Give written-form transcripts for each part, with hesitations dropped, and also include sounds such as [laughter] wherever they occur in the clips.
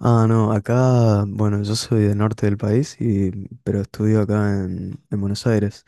Ah, no, acá, bueno, yo soy del norte del país, y, pero estudio acá en Buenos Aires.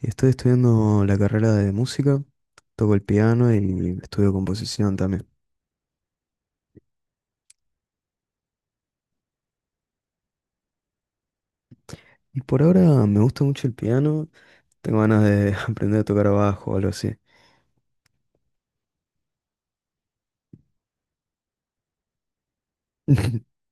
Y estoy estudiando la carrera de música, toco el piano y estudio composición también. Y por ahora me gusta mucho el piano, tengo ganas de [laughs] aprender a tocar bajo o algo así. [laughs]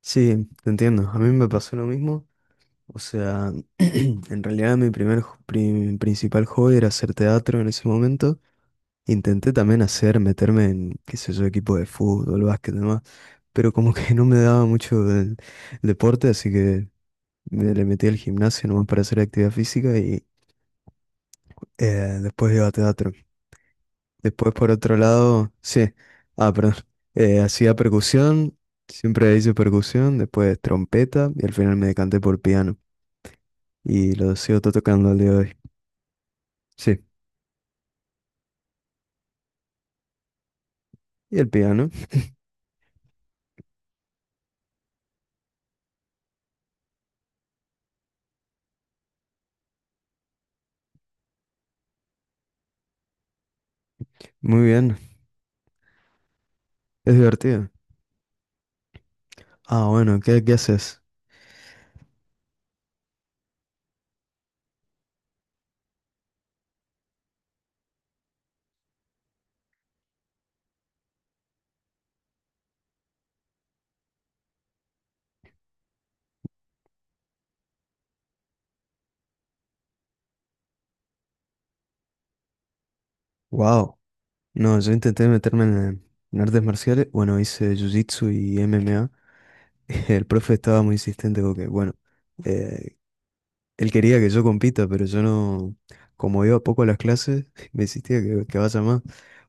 Sí, te entiendo, a mí me pasó lo mismo. O sea, [clears throat] en realidad mi principal hobby era hacer teatro en ese momento. Intenté también hacer, meterme en, qué sé yo, equipo de fútbol, básquet y demás, pero como que no me daba mucho el deporte, así que me le metí al gimnasio nomás para hacer actividad física y eh, después iba a teatro. Después, por otro lado, sí, ah, perdón, [laughs] hacía percusión, siempre hice percusión, después trompeta y al final me decanté por piano y lo sigo tocando al día de hoy. Sí, y el piano, muy bien, es divertido. Ah, bueno, ¿qué, qué haces? Wow. No, yo intenté meterme en artes marciales. Bueno, hice jiu-jitsu y MMA. [laughs] El profe estaba muy insistente porque, bueno, eh, él quería que yo compita, pero yo no, como iba poco a las clases, [laughs] me insistía que vaya más.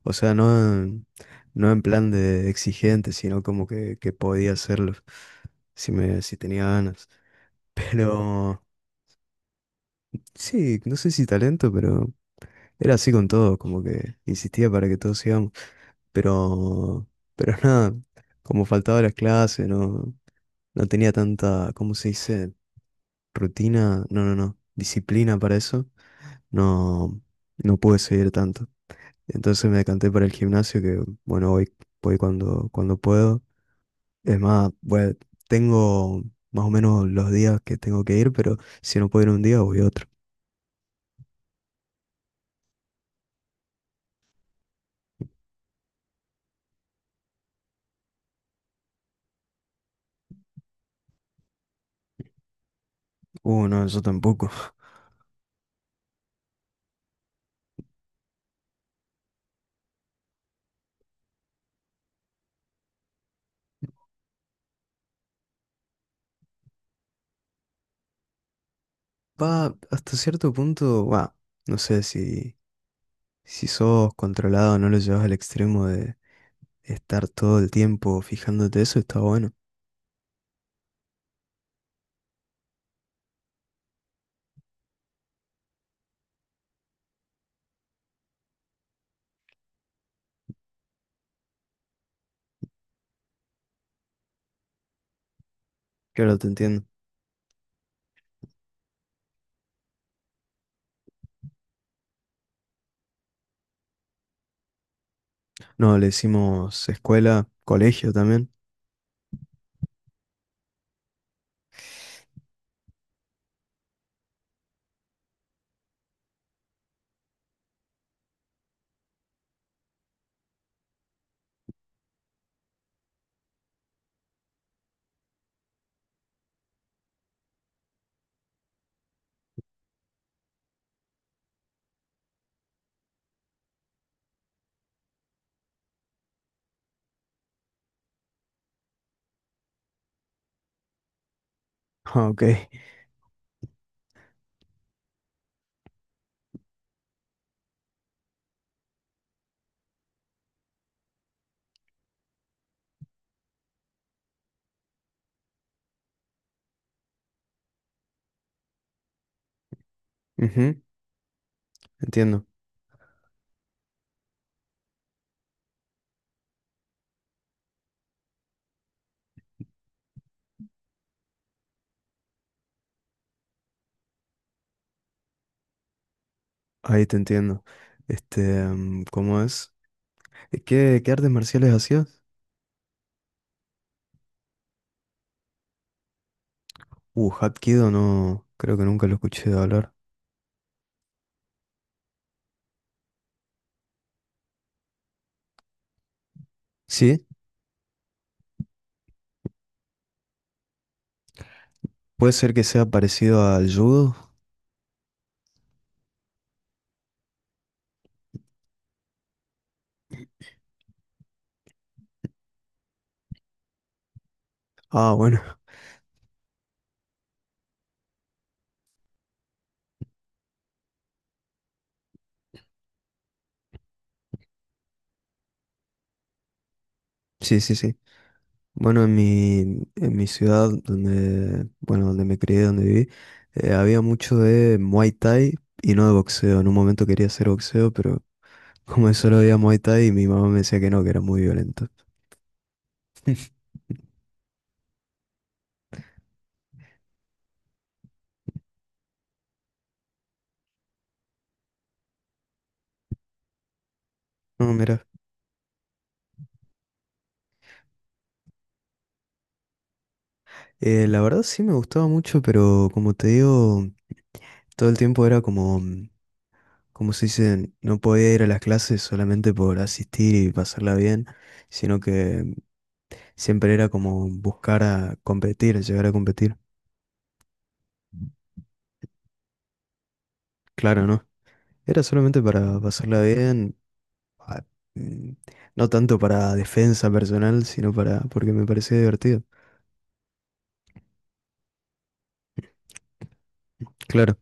O sea, no, no en plan de exigente, sino como que podía hacerlo si si tenía ganas. [laughs] Pero sí, no sé si talento, pero era así con todo, como que insistía para que todos sigamos. Pero, pero [laughs] nada, como faltaba las clases, no, no tenía tanta, ¿cómo se dice? Rutina, no, no, no, disciplina para eso, no, no pude seguir tanto. Entonces me decanté para el gimnasio, que bueno, voy, voy cuando, cuando puedo. Es más, bueno, tengo más o menos los días que tengo que ir, pero si no puedo ir un día, voy otro. No, yo tampoco. Va, hasta cierto punto, va, no sé si, si sos controlado, no lo llevas al extremo de estar todo el tiempo fijándote eso, está bueno. Claro, te entiendo. No, le decimos escuela, colegio también. [laughs] Ah, ok. Ujú. Entiendo. Ahí te entiendo. Este, ¿cómo es? ¿Qué, qué artes marciales hacías? Hapkido no, creo que nunca lo escuché hablar. ¿Sí? ¿Puede ser que sea parecido al judo? Ah, bueno, [laughs] sí, sí, sí. Bueno, en mi ciudad, donde, bueno, donde me crié, donde viví, había mucho de Muay Thai y no de boxeo. En un momento quería hacer boxeo, pero [laughs] como solo había Muay Thai, mi mamá me decía que no, que era muy violento. No, mira, la verdad sí me gustaba mucho, pero como te digo, todo el tiempo era como... mm, como se dice, no podía ir a las clases solamente por asistir y pasarla bien, sino que siempre era como buscar a competir, llegar a competir. Claro, ¿no? Era solamente para pasarla bien, a- mm, no tanto para defensa personal, sino para porque me parecía divertido. Claro,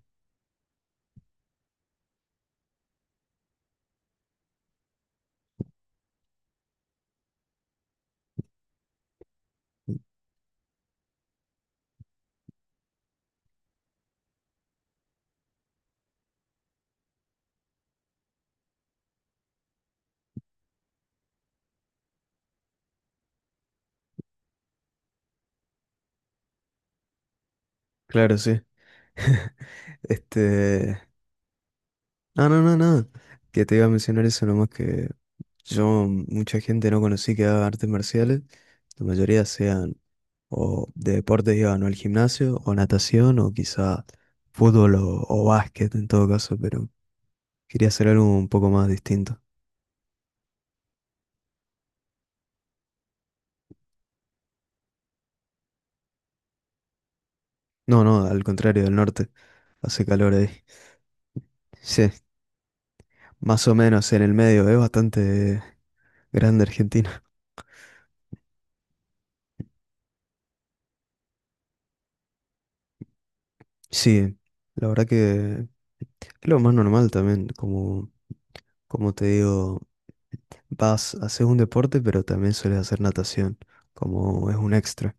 claro, sí. [laughs] Este, no, no, no, no. Que te iba a mencionar eso nomás que yo mucha gente no conocí que haga artes marciales. La mayoría sean o de deportes iban o al gimnasio o natación o quizá fútbol o básquet en todo caso, pero quería hacer algo un poco más distinto. No, no, al contrario, del norte. Hace calor ahí. [laughs] Sí, más o menos en el medio. Es bastante grande Argentina. [laughs] Sí, la verdad que es lo más normal también, como, como te digo. Vas, haces un deporte, pero también sueles hacer natación, como es un extra.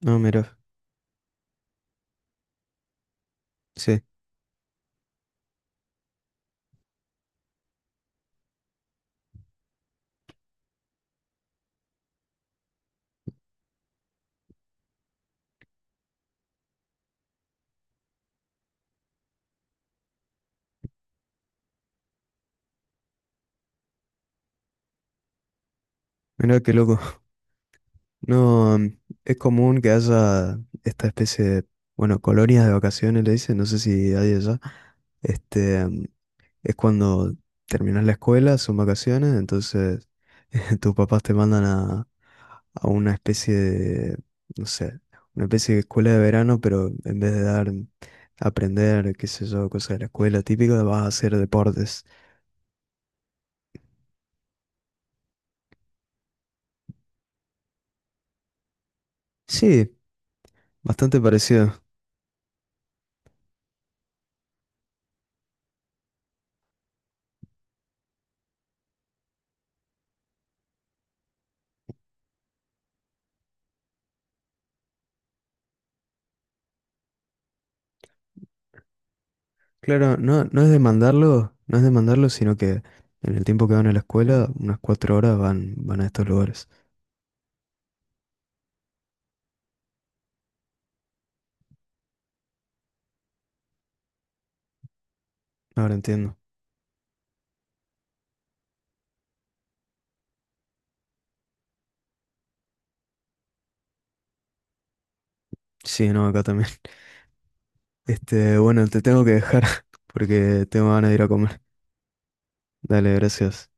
No, mira, sí, mira qué loco. [laughs] No, mm, es común que haya esta especie de, bueno, colonias de vacaciones, le dicen, no sé si hay allá, este, es cuando terminas la escuela, son vacaciones, entonces [laughs] tus papás te mandan a una especie de, no sé, una especie de escuela de verano, pero en vez de dar, aprender, qué sé yo, cosas de la escuela típica, vas a hacer deportes. Sí, bastante parecido. Claro, no, no es demandarlo, no es demandarlo, sino que en el tiempo que van a la escuela, unas 4 horas van, van a estos lugares. Ahora entiendo. Sí, no, acá también. Este, bueno, te tengo que dejar [laughs] porque tengo ganas de ir a comer. Dale, gracias.